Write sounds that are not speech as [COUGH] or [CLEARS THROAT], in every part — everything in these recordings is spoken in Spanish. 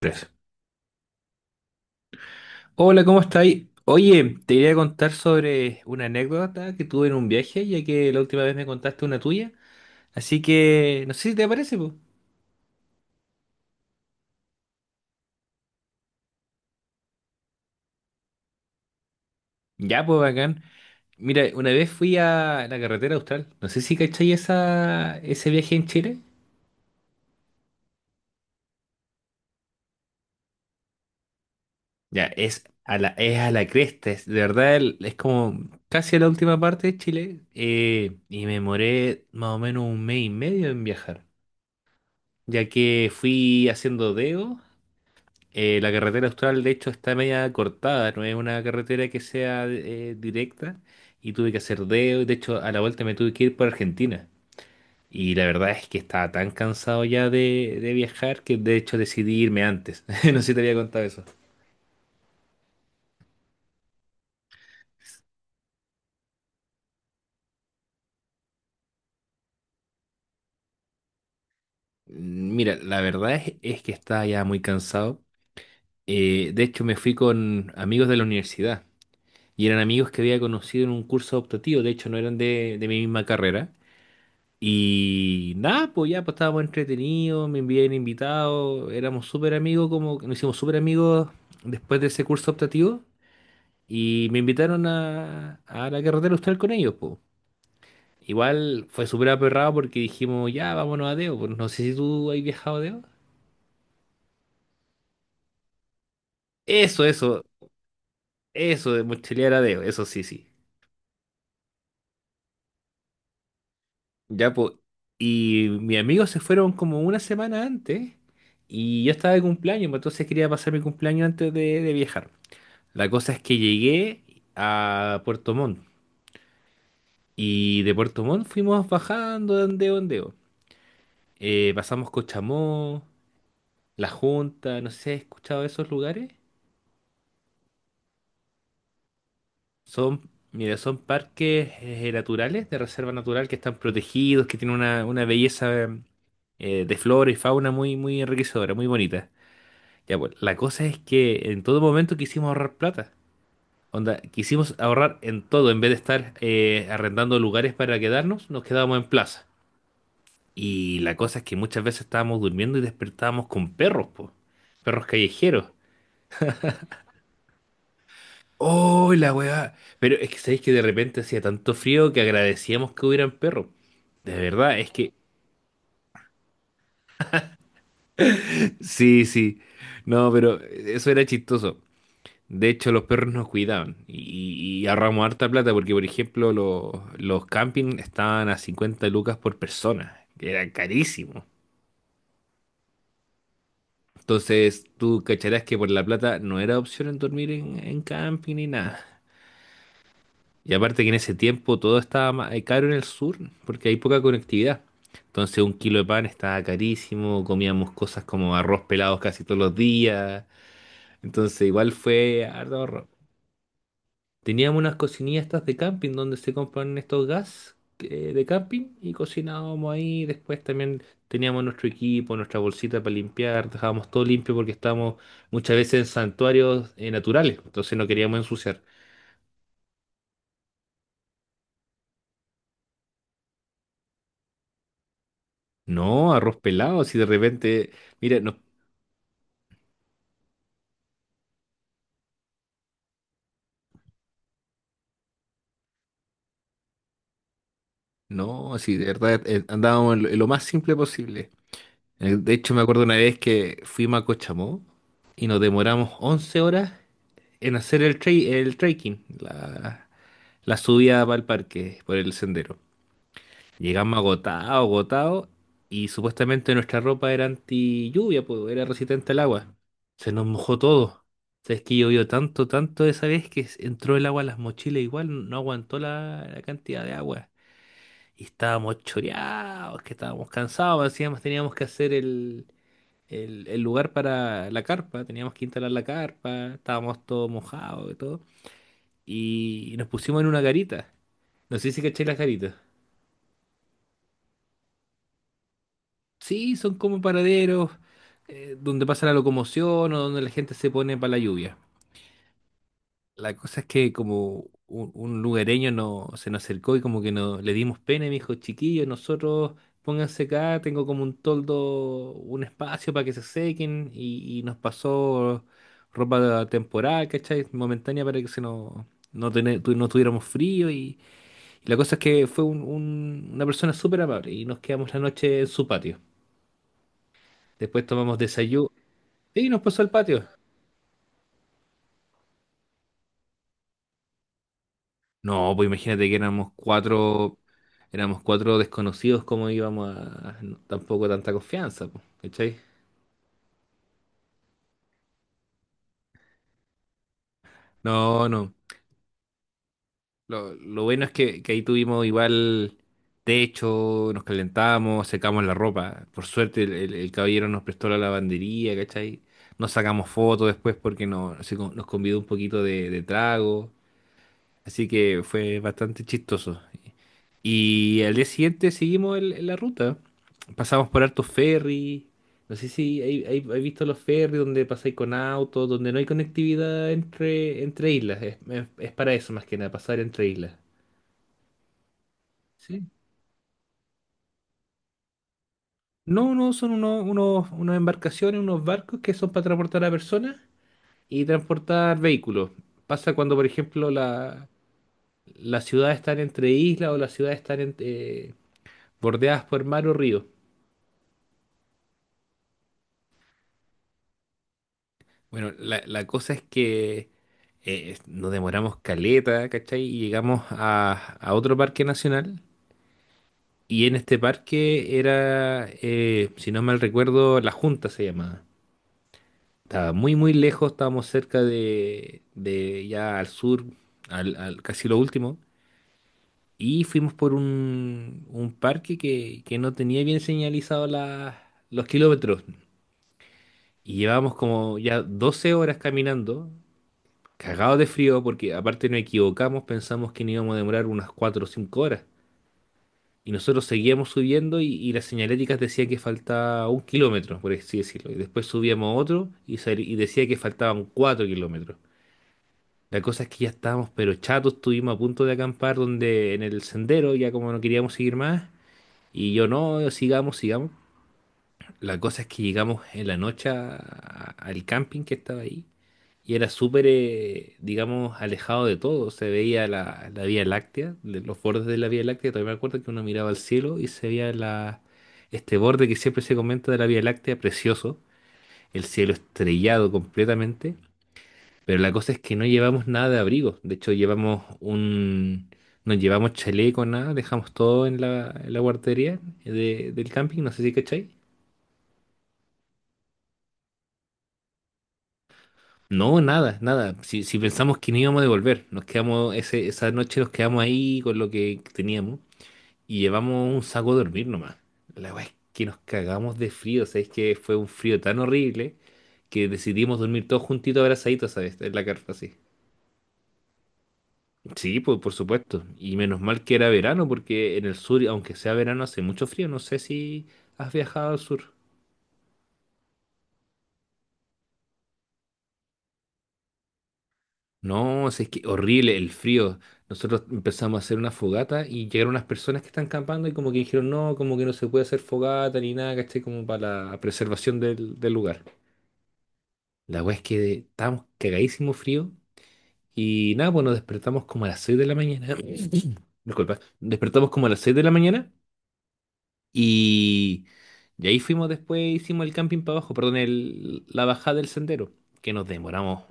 Tres. Hola, ¿cómo estáis? Oye, te quería contar sobre una anécdota que tuve en un viaje, ya que la última vez me contaste una tuya. Así que, no sé si te parece, pues. Ya, pues, bacán. Mira, una vez fui a la carretera austral. No sé si cacháis ese viaje en Chile. Ya, es a la cresta. Es, de verdad, es como casi a la última parte de Chile. Y me demoré más o menos un mes y medio en viajar, ya que fui haciendo dedo. La carretera austral, de hecho, está media cortada, no es una carretera que sea directa, y tuve que hacer dedo. De hecho, a la vuelta me tuve que ir por Argentina. Y la verdad es que estaba tan cansado ya de viajar que de hecho decidí irme antes. [LAUGHS] No sé si te había contado eso. Mira, la verdad es que estaba ya muy cansado. De hecho, me fui con amigos de la universidad y eran amigos que había conocido en un curso optativo. De hecho, no eran de mi misma carrera. Y nada, pues ya pues estábamos entretenidos, me enviaban invitados, éramos súper amigos, como que nos hicimos súper amigos después de ese curso optativo. Y me invitaron a la carretera austral con ellos, pues. Igual fue súper aperrado porque dijimos, ya, vámonos a Deo, pues no sé si tú has viajado a Deo. Eso, eso, eso de mochilear a Deo, eso sí, sí. Ya, pues. Y mis amigos se fueron como una semana antes y yo estaba de cumpleaños, pues, entonces quería pasar mi cumpleaños antes de viajar. La cosa es que llegué a Puerto Montt y de Puerto Montt fuimos bajando de ondeo a ondeo. Pasamos Cochamó, La Junta, no sé si has escuchado de esos lugares. Son, mira, son parques naturales, de reserva natural, que están protegidos, que tienen una belleza de flora y fauna muy, muy enriquecedora, muy bonita. Ya, pues, la cosa es que en todo momento quisimos ahorrar plata. Onda, quisimos ahorrar en todo, en vez de estar arrendando lugares para quedarnos, nos quedábamos en plaza. Y la cosa es que muchas veces estábamos durmiendo y despertábamos con perros, po. Perros callejeros. ¡Oh, la weá! Pero es que sabéis que de repente hacía tanto frío que agradecíamos que hubieran perros. De verdad, es que. [LAUGHS] Sí, sí. No, pero eso era chistoso. De hecho, los perros nos cuidaban y ahorramos harta plata porque, por ejemplo, los campings estaban a 50 lucas por persona, que era carísimo. Entonces, tú cacharás que por la plata no era opción en dormir en camping ni nada. Y aparte que en ese tiempo todo estaba caro en el sur, porque hay poca conectividad. Entonces un kilo de pan estaba carísimo, comíamos cosas como arroz pelados casi todos los días. Entonces igual fue harto ahorro. Teníamos unas cocinillas estas de camping donde se compran estos gas de camping y cocinábamos ahí. Después también teníamos nuestro equipo, nuestra bolsita para limpiar, dejábamos todo limpio porque estábamos muchas veces en santuarios naturales, entonces no queríamos ensuciar. No, arroz pelado, si de repente... Mira, nos... No, sí, de verdad, andábamos en lo más simple posible. De hecho me acuerdo una vez que fuimos a Cochamó y nos demoramos 11 horas en hacer el trekking, la subida para el parque, por el sendero. Llegamos agotados, agotados, y supuestamente nuestra ropa era anti lluvia, pues era resistente al agua. Se nos mojó todo. O sea, es que llovió tanto, tanto esa vez que s- entró el agua a las mochilas igual, no aguantó la cantidad de agua. Y estábamos choreados, que estábamos cansados, decíamos, teníamos que hacer el lugar para la carpa, teníamos que instalar la carpa, estábamos todos mojados y todo. Y nos pusimos en una garita. No sé si caché las garitas. Sí, son como paraderos donde pasa la locomoción o donde la gente se pone para la lluvia. La cosa es que como un lugareño no, se nos acercó y como que no, le dimos pena y me dijo, chiquillos, nosotros pónganse acá, tengo como un toldo, un espacio para que se sequen, y nos pasó ropa temporal, ¿cachai? Momentánea para que se nos, no, no tuviéramos frío, y la cosa es que fue una persona súper amable y nos quedamos la noche en su patio. Después tomamos desayuno y nos pasó al patio. No, pues imagínate que éramos cuatro desconocidos, ¿cómo íbamos a no, tampoco tanta confianza, pues, ¿cachai? No, no. Lo bueno es que ahí tuvimos igual techo, nos calentamos, secamos la ropa. Por suerte el caballero nos prestó la lavandería, ¿cachai? Nos sacamos fotos después porque no, se con- nos convidó un poquito de trago. Así que fue bastante chistoso. Y al día siguiente seguimos la ruta. Pasamos por hartos ferries. No sé si hay visto los ferries donde pasáis con autos, donde no hay conectividad entre, entre islas. Es para eso más que nada, pasar entre islas. Sí. No, no, son unos, unas embarcaciones, unos barcos que son para transportar a personas y transportar vehículos. Pasa cuando, por ejemplo, la, las ciudades están entre islas o las ciudades están bordeadas por mar o río. Bueno, la cosa es que nos demoramos caleta, ¿cachai? Y llegamos a otro parque nacional. Y en este parque era, si no mal recuerdo, La Junta se llamaba. Estaba muy, muy lejos, estábamos cerca de ya al sur, casi lo último. Y fuimos por un parque que no tenía bien señalizado los kilómetros. Y llevábamos como ya 12 horas caminando cagados de frío porque aparte nos equivocamos, pensamos que nos íbamos a demorar unas 4 o 5 horas. Y nosotros seguíamos subiendo y las señaléticas decía que faltaba 1 kilómetro, por así decirlo. Y después subíamos otro y, sal- y decía que faltaban 4 kilómetros. La cosa es que ya estábamos pero chatos, estuvimos a punto de acampar donde en el sendero, ya como no queríamos seguir más. Y yo no, sigamos, sigamos. La cosa es que llegamos en la noche al camping que estaba ahí y era súper, digamos, alejado de todo. Se veía la Vía Láctea, de los bordes de la Vía Láctea. Todavía me acuerdo que uno miraba al cielo y se veía este borde que siempre se comenta de la Vía Láctea, precioso. El cielo estrellado completamente. Pero la cosa es que no llevamos nada de abrigo. De hecho, llevamos un... No llevamos chaleco, nada. Dejamos todo en la guardería del camping, no sé si cachai. No, nada, nada. Si pensamos que no íbamos a devolver, nos quedamos, esa noche nos quedamos ahí con lo que teníamos y llevamos un saco de dormir nomás. La weá es que nos cagamos de frío, ¿sabes? Que fue un frío tan horrible que decidimos dormir todos juntitos abrazaditos, ¿sabes? En la carpa, así. Sí, pues por supuesto. Y menos mal que era verano, porque en el sur, aunque sea verano, hace mucho frío. No sé si has viajado al sur. No, si es que horrible el frío. Nosotros empezamos a hacer una fogata y llegaron unas personas que están campando y como que dijeron, no, como que no se puede hacer fogata ni nada, ¿cachai? Como para la preservación del lugar. La weá es que estábamos cagadísimo frío y nada, pues nos despertamos como a las 6 de la mañana. [COUGHS] [CLEARS THROAT] Disculpa, despertamos como a las 6 de la mañana, y, y ahí fuimos después, hicimos el camping para abajo, perdón, el, la bajada del sendero, que nos demoramos,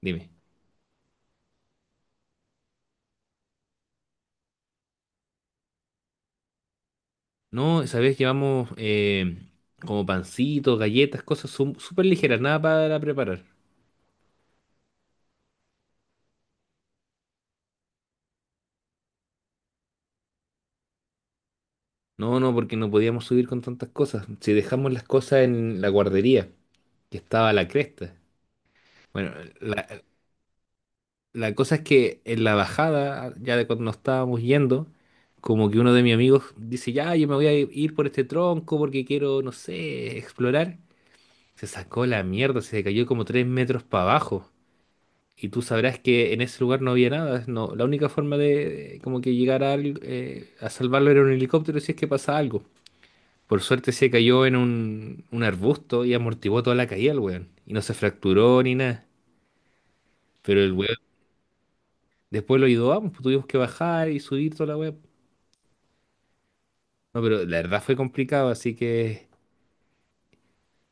dime. No, sabés que vamos como pancitos, galletas, cosas su- súper ligeras, nada para preparar. No, no, porque no podíamos subir con tantas cosas. Si dejamos las cosas en la guardería, que estaba a la cresta. Bueno, la, la cosa es que en la bajada, ya de cuando nos estábamos yendo, como que uno de mis amigos dice, ya, yo me voy a ir por este tronco porque quiero, no sé, explorar. Se sacó la mierda, se cayó como 3 metros para abajo. Y tú sabrás que en ese lugar no había nada. No, la única forma de como que llegar a, a salvarlo era un helicóptero si es que pasa algo. Por suerte se cayó en un arbusto y amortiguó toda la caída el weón. Y no se fracturó ni nada. Pero el weón después lo ayudó, ah, pues, tuvimos que bajar y subir toda la weón. No, pero la verdad fue complicado, así que...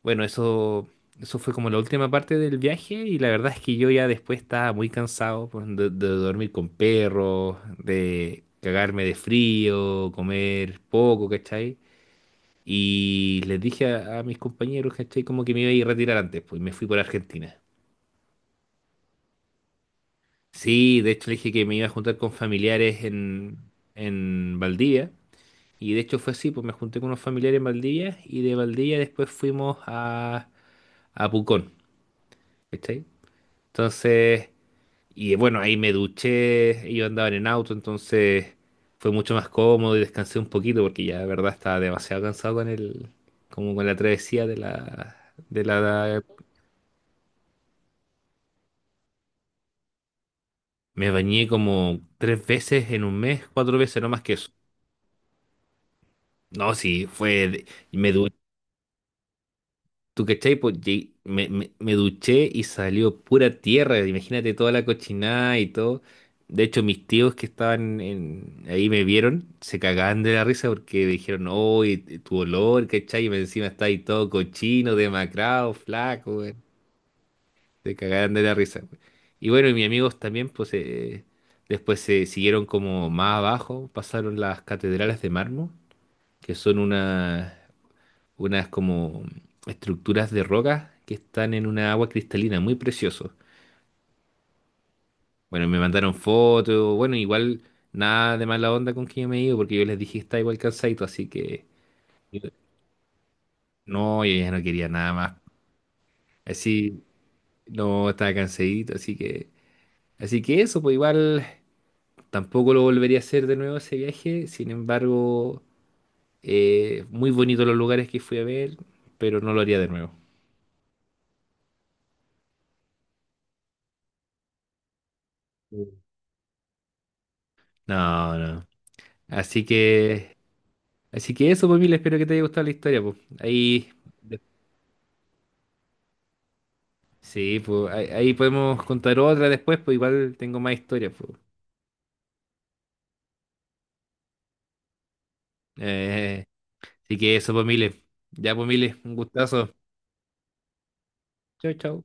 Bueno, eso fue como la última parte del viaje y la verdad es que yo ya después estaba muy cansado de dormir con perros, de cagarme de frío, comer poco, ¿cachai? Y les dije a mis compañeros, ¿cachai? Como que me iba a ir a retirar antes, pues, y me fui por Argentina. Sí, de hecho le dije que me iba a juntar con familiares en Valdivia y de hecho fue así, pues me junté con unos familiares en Valdivia y de Valdivia después fuimos a Pucón, ¿cachai? Entonces... Y bueno, ahí me duché, yo andaba en el auto, entonces fue mucho más cómodo y descansé un poquito porque ya de verdad estaba demasiado cansado con el, como con la travesía de la... Me bañé como 3 veces en un mes, 4 veces, no más que eso. No, sí, fue... de- Me duché. ¿Tú cachai? Pues ye- me duché y salió pura tierra. Imagínate toda la cochinada y todo. De hecho, mis tíos que estaban ahí me vieron, se cagaban de la risa porque me dijeron, oh, tu olor, ¿cachai? Y encima está ahí todo cochino, demacrado, flaco, güey. Se cagaban de la risa, güey. Y bueno, y mis amigos también, pues, después se siguieron como más abajo, pasaron las catedrales de mármol, que son unas unas como estructuras de rocas que están en una agua cristalina, muy precioso. Bueno, me mandaron fotos, bueno, igual nada de mala onda con que yo me he ido porque yo les dije que estaba igual cansadito, así que yo- no, yo ya no quería nada más. Así, no, estaba cansadito, así que eso, pues, igual tampoco lo volvería a hacer de nuevo ese viaje, sin embargo, muy bonitos los lugares que fui a ver, pero no lo haría de nuevo. Mm. No, no. Así que... así que eso, pues, Mil, espero que te haya gustado la historia, pues. Ahí, de- sí, pues, ahí, ahí podemos contar otra después, pues igual tengo más historias, pues. Eh, así que eso, pues, Mil. Ya, pues, Mil, un gustazo. Chao, chao.